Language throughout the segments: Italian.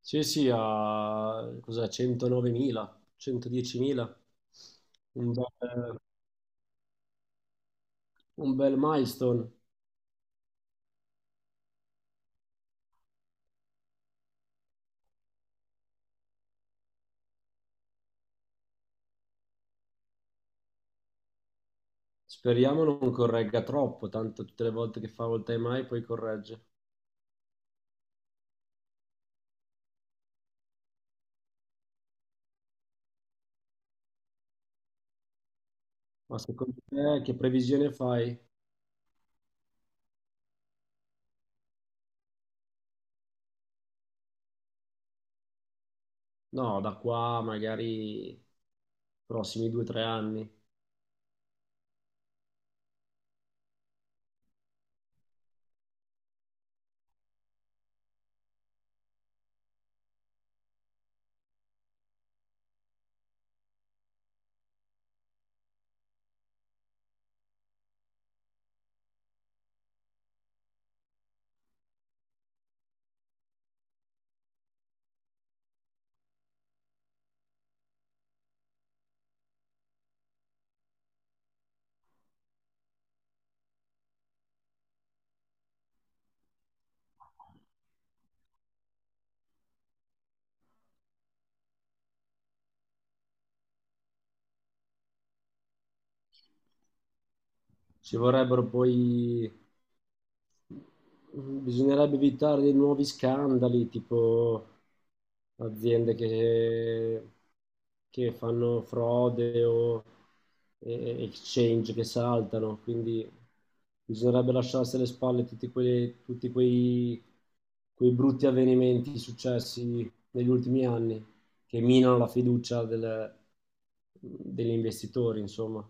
Sì, sì, a cos'è, 109.000, 110.000, un bel, un bel milestone. Speriamo non corregga troppo, tanto tutte le volte che fa all time high poi corregge. Ma secondo te che previsione fai? No, da qua magari prossimi due o tre anni. Ci vorrebbero poi... Bisognerebbe evitare dei nuovi scandali, tipo aziende che fanno frode o exchange che saltano, quindi bisognerebbe lasciarsi alle spalle tutti quei brutti avvenimenti successi negli ultimi anni che minano la fiducia degli investitori, insomma.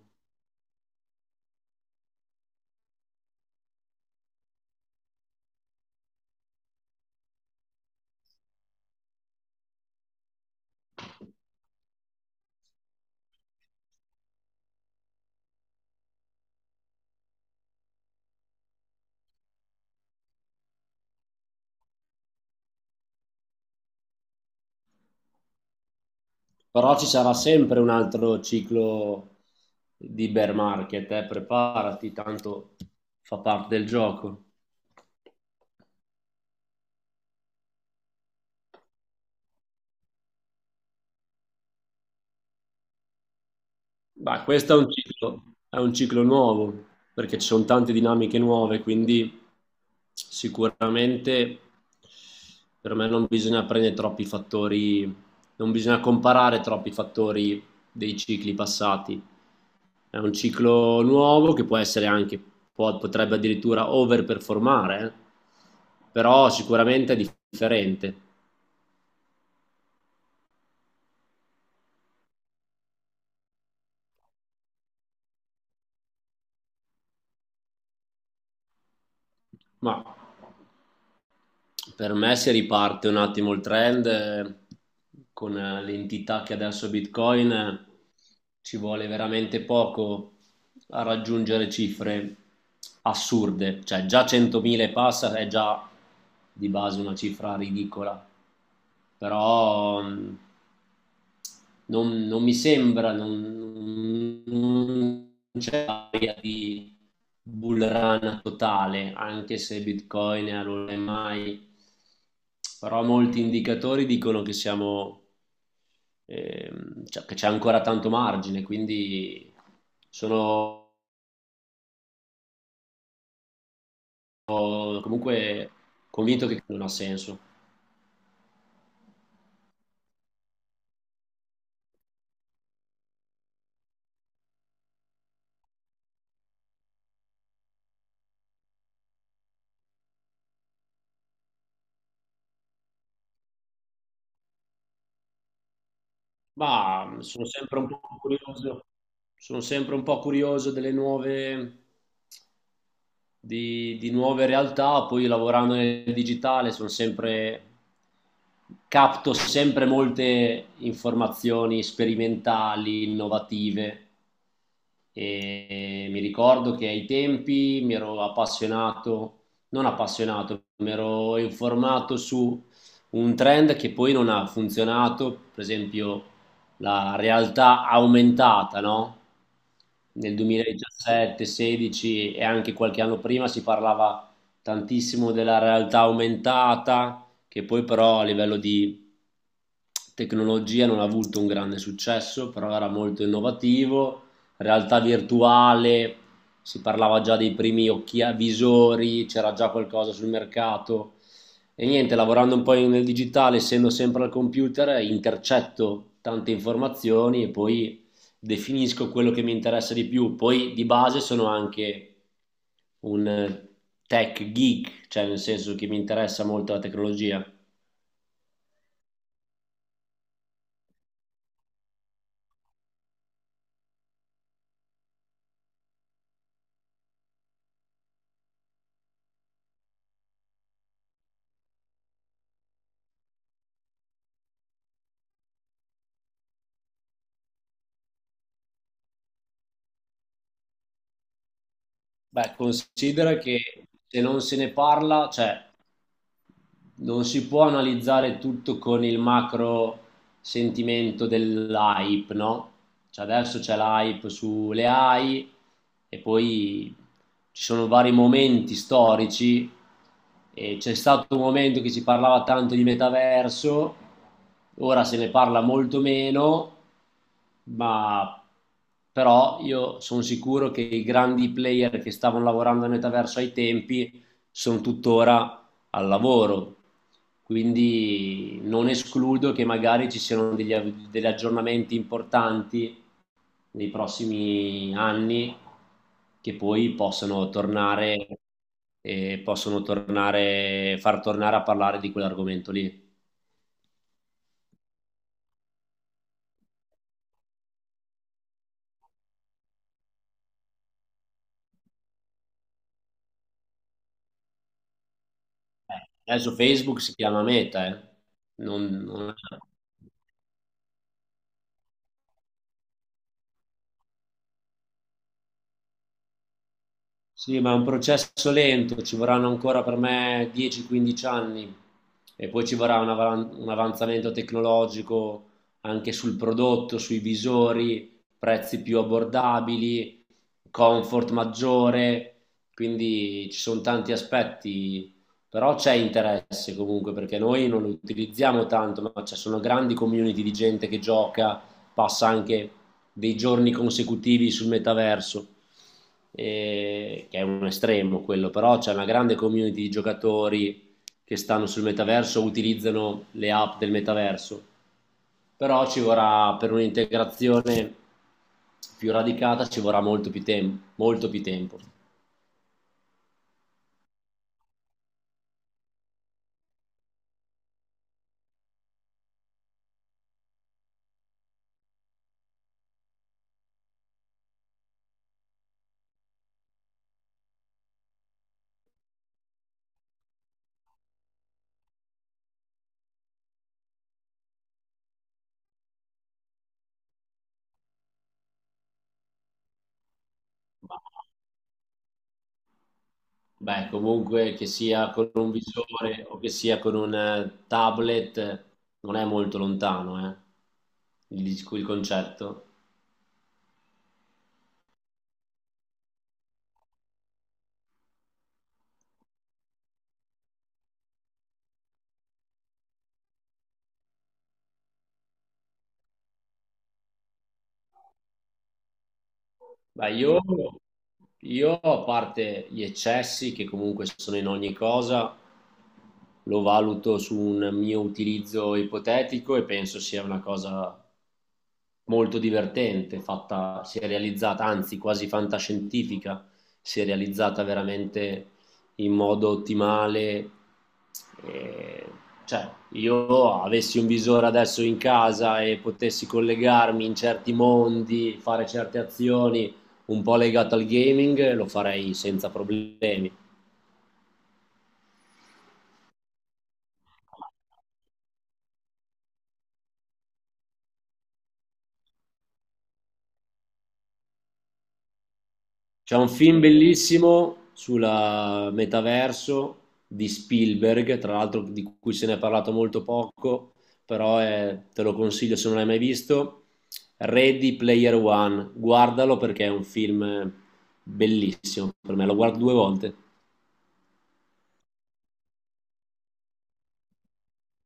Però ci sarà sempre un altro ciclo di bear market, preparati, tanto fa parte del gioco. Beh, questo è un ciclo nuovo, perché ci sono tante dinamiche nuove, quindi sicuramente per me non bisogna prendere troppi fattori, non bisogna comparare troppi fattori dei cicli passati. È un ciclo nuovo che può essere anche, potrebbe addirittura overperformare, però sicuramente è differente. Ma per me si riparte un attimo il trend con l'entità che adesso Bitcoin, ci vuole veramente poco a raggiungere cifre assurde, cioè già 100.000 e passa è già di base una cifra ridicola, però non mi sembra, non c'è aria di bull run totale, anche se Bitcoin è allora mai, però molti indicatori dicono che siamo, cioè, che c'è ancora tanto margine, quindi sono comunque convinto che non ha senso. Ma sono sempre un po' curioso, sono sempre un po' curioso delle nuove, di nuove realtà, poi lavorando nel digitale sono sempre, capto sempre molte informazioni sperimentali, innovative. E mi ricordo che ai tempi mi ero appassionato, non appassionato, mi ero informato su un trend che poi non ha funzionato, per esempio la realtà aumentata, no? Nel 2017, 16 e anche qualche anno prima si parlava tantissimo della realtà aumentata, che poi però a livello di tecnologia non ha avuto un grande successo, però era molto innovativo. Realtà virtuale, si parlava già dei primi visori, c'era già qualcosa sul mercato. E niente, lavorando un po' nel digitale, essendo sempre al computer, intercetto tante informazioni e poi definisco quello che mi interessa di più. Poi di base sono anche un tech geek, cioè nel senso che mi interessa molto la tecnologia. Beh, considera che se non se ne parla, cioè non si può analizzare tutto con il macro sentimento dell'hype, no? Cioè adesso c'è l'hype sulle AI e poi ci sono vari momenti storici e c'è stato un momento che si parlava tanto di metaverso, ora se ne parla molto meno, ma però io sono sicuro che i grandi player che stavano lavorando al metaverso ai tempi sono tuttora al lavoro. Quindi non escludo che magari ci siano degli aggiornamenti importanti nei prossimi anni che poi possono tornare e possono tornare, far tornare a parlare di quell'argomento lì. Adesso Facebook si chiama Meta, eh. Non, non- è Sì, ma è un processo lento, ci vorranno ancora per me 10-15 anni e poi ci vorrà un avanzamento tecnologico anche sul prodotto, sui visori, prezzi più abbordabili, comfort maggiore, quindi ci sono tanti aspetti, però c'è interesse comunque perché noi non lo utilizziamo tanto, ma ci sono grandi community di gente che gioca, passa anche dei giorni consecutivi sul metaverso, che è un estremo quello, però c'è una grande community di giocatori che stanno sul metaverso, utilizzano le app del metaverso, però ci vorrà per un'integrazione più radicata ci vorrà molto più, molto più tempo. Ma, Beh, comunque che sia con un visore o che sia con un tablet, non è molto lontano, il concetto. Beh, io, a parte gli eccessi che comunque sono in ogni cosa, lo valuto su un mio utilizzo ipotetico e penso sia una cosa molto divertente, fatta, si è realizzata, anzi quasi fantascientifica, si è realizzata veramente in modo ottimale. E, cioè, io avessi un visore adesso in casa e potessi collegarmi in certi mondi, fare certe azioni un po' legate al gaming, lo farei senza problemi. C'è un film bellissimo sulla metaverso di Spielberg, tra l'altro di cui se ne è parlato molto poco, però è- te lo consiglio se non l'hai mai visto. Ready Player One, guardalo perché è un film bellissimo per me, lo guardo due volte.